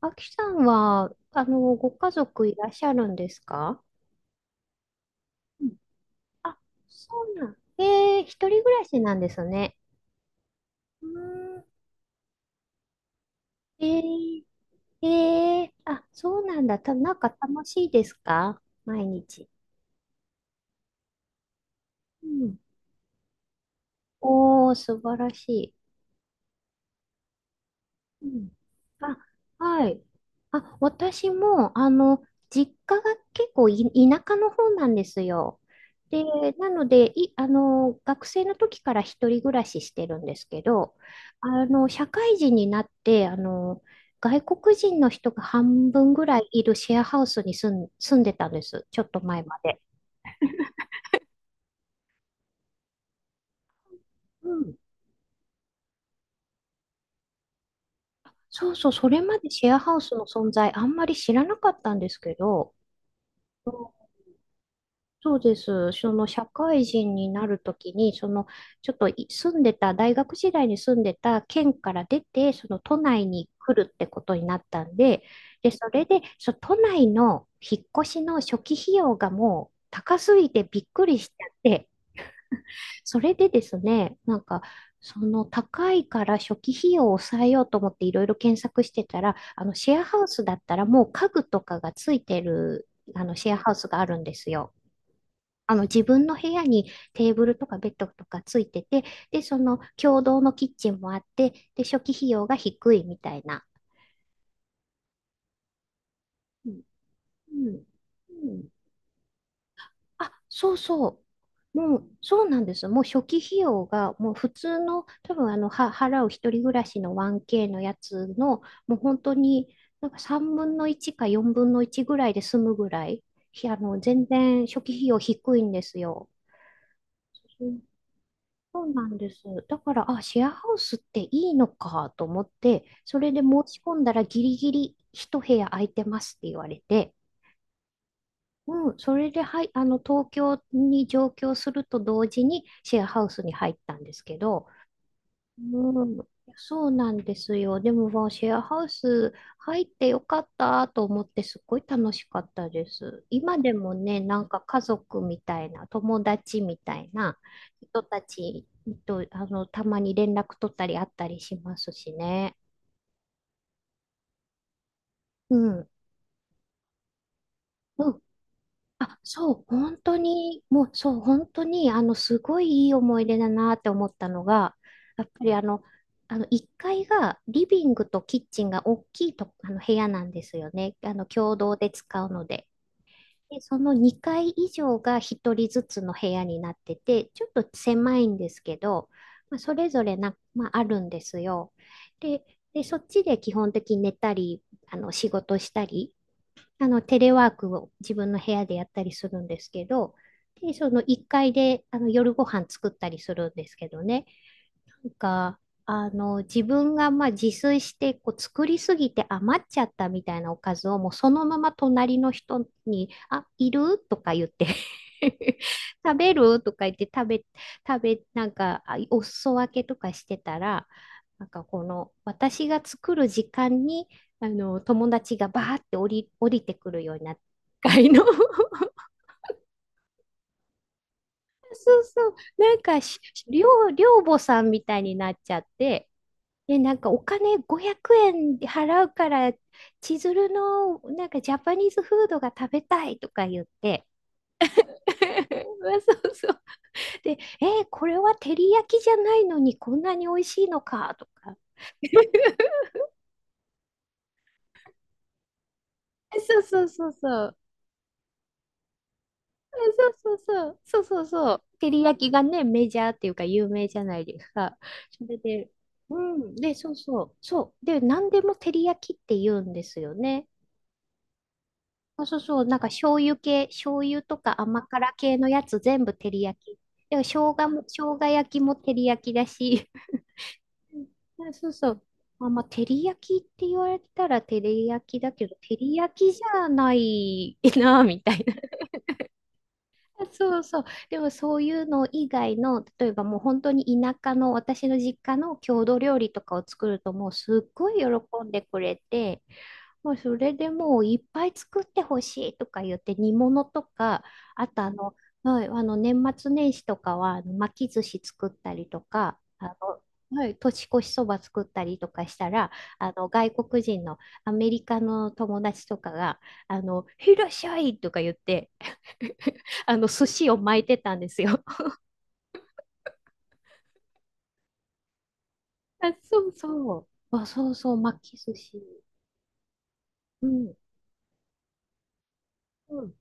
あきさんは、ご家族いらっしゃるんですか？うん。あ、そうなん。一人暮らしなんですね。うーん。えー、あ、そうなんだ。なんか楽しいですか毎日？うん。おー、素晴らしい。うん。あ、はい。あ、私も、実家が結構田舎の方なんですよ。で、なので、い、あの、学生の時から一人暮らししてるんですけど、社会人になって、外国人の人が半分ぐらいいるシェアハウスに住んでたんです。ちょっと前まで。うん。そうそう、それまでシェアハウスの存在あんまり知らなかったんですけど、うん、そうです。その社会人になるときに、そのちょっと住んでた、大学時代に住んでた県から出て、その都内に来るってことになったんで、で、それで、都内の引っ越しの初期費用がもう高すぎてびっくりしちゃって、それでですね、なんか、その高いから初期費用を抑えようと思っていろいろ検索してたら、あのシェアハウスだったらもう家具とかがついてるあのシェアハウスがあるんですよ。あの自分の部屋にテーブルとかベッドとかついてて、で、その共同のキッチンもあって、で、初期費用が低いみたいな。うん。うんうん。あ、そうそう。もう、そうなんです。もう初期費用が、もう普通の、多分払う一人暮らしの 1K のやつの、もう本当に、なんか3分の1か4分の1ぐらいで済むぐらい、ひあの、全然初期費用低いんですよ。そうなんです。だから、あ、シェアハウスっていいのかと思って、それで申し込んだらギリギリ一部屋空いてますって言われて、うん、それで、はい、東京に上京すると同時にシェアハウスに入ったんですけど、うん、そうなんですよ。でも、まあシェアハウス入ってよかったと思って、すっごい楽しかったです。今でもね、なんか家族みたいな、友達みたいな人たちと、たまに連絡取ったり会ったりしますしね。うん。うん。あ、そう、本当に、もうそう、本当に、すごいいい思い出だなって思ったのが、やっぱり1階がリビングとキッチンが大きいと、部屋なんですよね。共同で使うので。で、その2階以上が1人ずつの部屋になってて、ちょっと狭いんですけど、まあ、それぞれな、まあ、あるんですよ。で、で、そっちで基本的に寝たり、仕事したり、テレワークを自分の部屋でやったりするんですけど、で、その1階で、夜ご飯作ったりするんですけどね。か、あの、自分がまあ自炊してこう作りすぎて余っちゃったみたいなおかずをもうそのまま隣の人に、あ、いるとか言って 食べるとか言って食べ、食べ、なんか、あお裾分けとかしてたら、なんかこの私が作る時間に、友達がバーって降りてくるようになって、一回の。 そうそう、なんか寮、寮母さんみたいになっちゃって、で、なんかお金500円払うから、千鶴のなんかジャパニーズフードが食べたいとか言って、まあそうそう。で、これは照り焼きじゃないのにこんなに美味しいのかとか。そうそうそうそう。そうそうそう。そうそうそう。照り焼きがね、メジャーっていうか有名じゃないですか。それで、うん。で、そうそう。そう。で、何でも照り焼きって言うんですよね。そうそうそう、なんか醤油系、醤油とか甘辛系のやつ全部照り焼き。でも生姜も、生姜焼きも照り焼きだし。うん。あ、そうそう。まあまあ、照り焼きって言われたら照り焼きだけど、照り焼きじゃないな、みたいな。そうそう。でもそういうの以外の、例えばもう本当に田舎の私の実家の郷土料理とかを作るともうすっごい喜んでくれて、もうそれでもういっぱい作ってほしいとか言って煮物とか、あとはい、あの年末年始とかはあの巻き寿司作ったりとか、はい、年越しそば作ったりとかしたら、あの外国人のアメリカの友達とかが、いらっしゃいとか言って あの寿司を巻いてたんですよ。あ、そうそう。あ、そうそう、巻き寿司。うん。うん。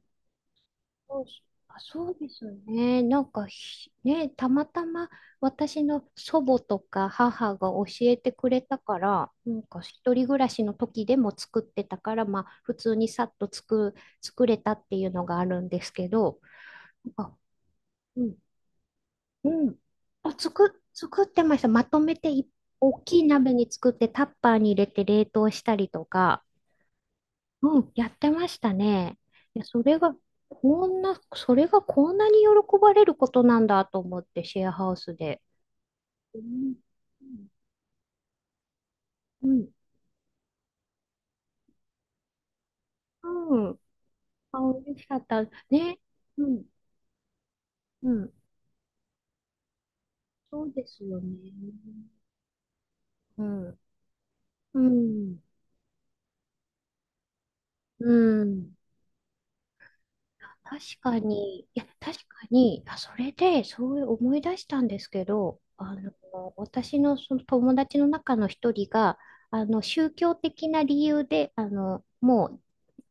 そう、あ、そうですよね。なんかね、たまたま私の祖母とか母が教えてくれたから、なんか一人暮らしの時でも作ってたから、まあ普通にさっと作れたっていうのがあるんですけど、あ、うん、うん。あ、作ってました。まとめて大きい鍋に作ってタッパーに入れて冷凍したりとか、うん、やってましたね。いや、それがこんなに喜ばれることなんだと思って、シェアハウスで。うん、うん、うん。うん。あ、嬉しかった。ね。うん、うん。そうですよね。うん、うん、うん。確かに、いや、確かに、あ、それで、そういう思い出したんですけど、私のその友達の中の一人が、宗教的な理由で、も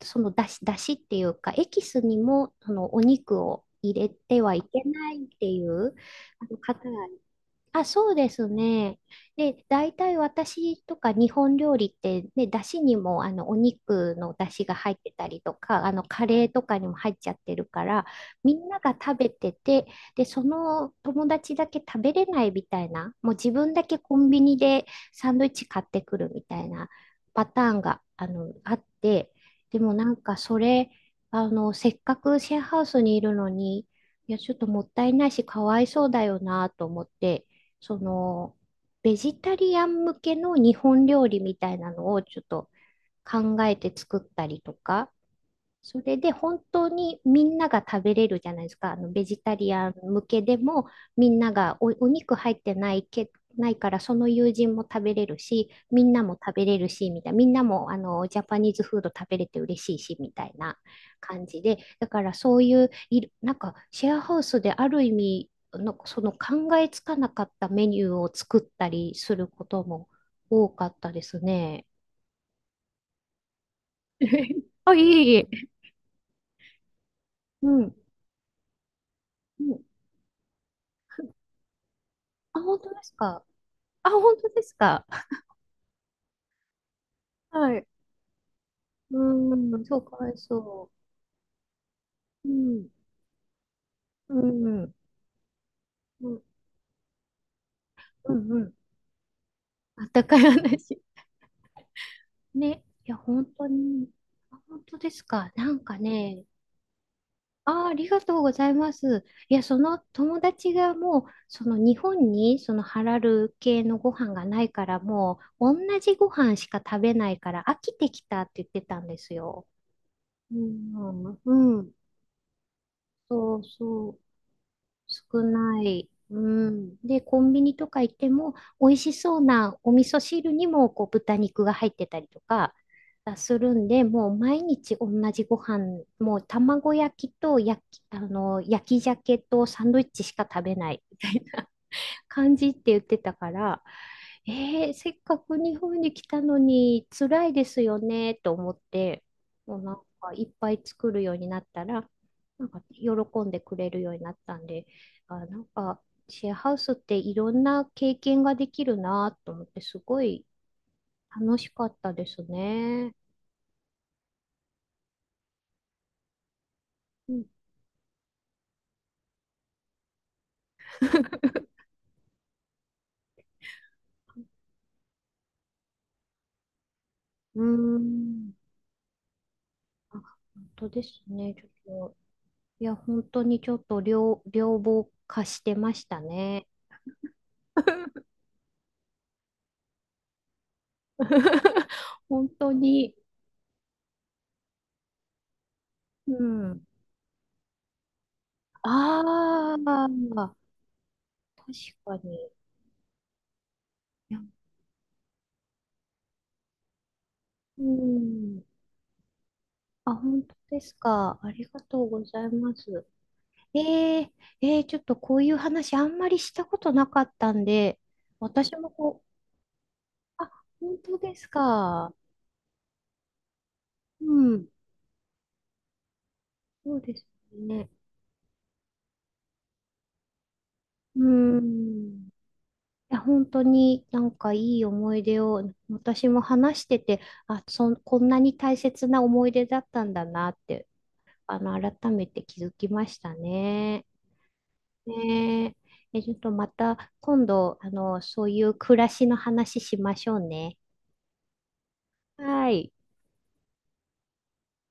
う、その出汁、出汁っていうか、エキスにも、そのお肉を入れてはいけないっていう、あの方が、あ、そうですね。で、大体私とか日本料理って、ね、だしにもあのお肉のだしが入ってたりとか、あのカレーとかにも入っちゃってるから、みんなが食べてて、で、その友達だけ食べれないみたいな、もう自分だけコンビニでサンドイッチ買ってくるみたいなパターンがあって、でもなんかそれ、せっかくシェアハウスにいるのに、いや、ちょっともったいないし、かわいそうだよなと思って、その、ベジタリアン向けの日本料理みたいなのをちょっと考えて作ったりとか、それで本当にみんなが食べれるじゃないですか。あのベジタリアン向けでもみんながお肉入ってないけ、ないからその友人も食べれるし、みんなも食べれるし、みたいな。みんなもあのジャパニーズフード食べれて嬉しいし、みたいな感じで。だからそういう、いるなんかシェアハウスである意味、なんかその考えつかなかったメニューを作ったりすることも多かったですね。あ、いえいえ。うん。うん。あ、本当ですか？あ、本当ですか？はい。うーん、そう、かわいそう。うん、うん、うん、うん、うん。あったかい話。ね。いや、本当に。あ、本当ですか？なんかね。あー、ありがとうございます。いや、その友達がもう、その日本にそのハラル系のご飯がないから、もう同じご飯しか食べないから飽きてきたって言ってたんですよ。うん、うん、そうそう。少ない。うん。で、コンビニとか行っても、美味しそうなお味噌汁にも、こう、豚肉が入ってたりとか、するんで、もう毎日同じご飯、もう卵焼きと焼き鮭とサンドイッチしか食べないみたいな感じって言ってたから、せっかく日本に来たのに辛いですよねと思って、もうなんかいっぱい作るようになったら、なんか喜んでくれるようになったんで、あ、なんかシェアハウスっていろんな経験ができるなと思って、すごい楽しかったですね。うん、うーん、あ、本当ですね。ちょっと、いや、本当にちょっと両方貸してましたね。本当に。うん。ああ、確かに。いや、うん。あ、本当ですか？ありがとうございます。えー、ちょっとこういう話あんまりしたことなかったんで、私もこう、あ、本当ですか？うん。そうですね。うん。いや本当になんかいい思い出を私も話してて、あ、こんなに大切な思い出だったんだなって、改めて気づきましたね。ねえ、ちょっとまた今度、そういう暮らしの話しましょうね。はい。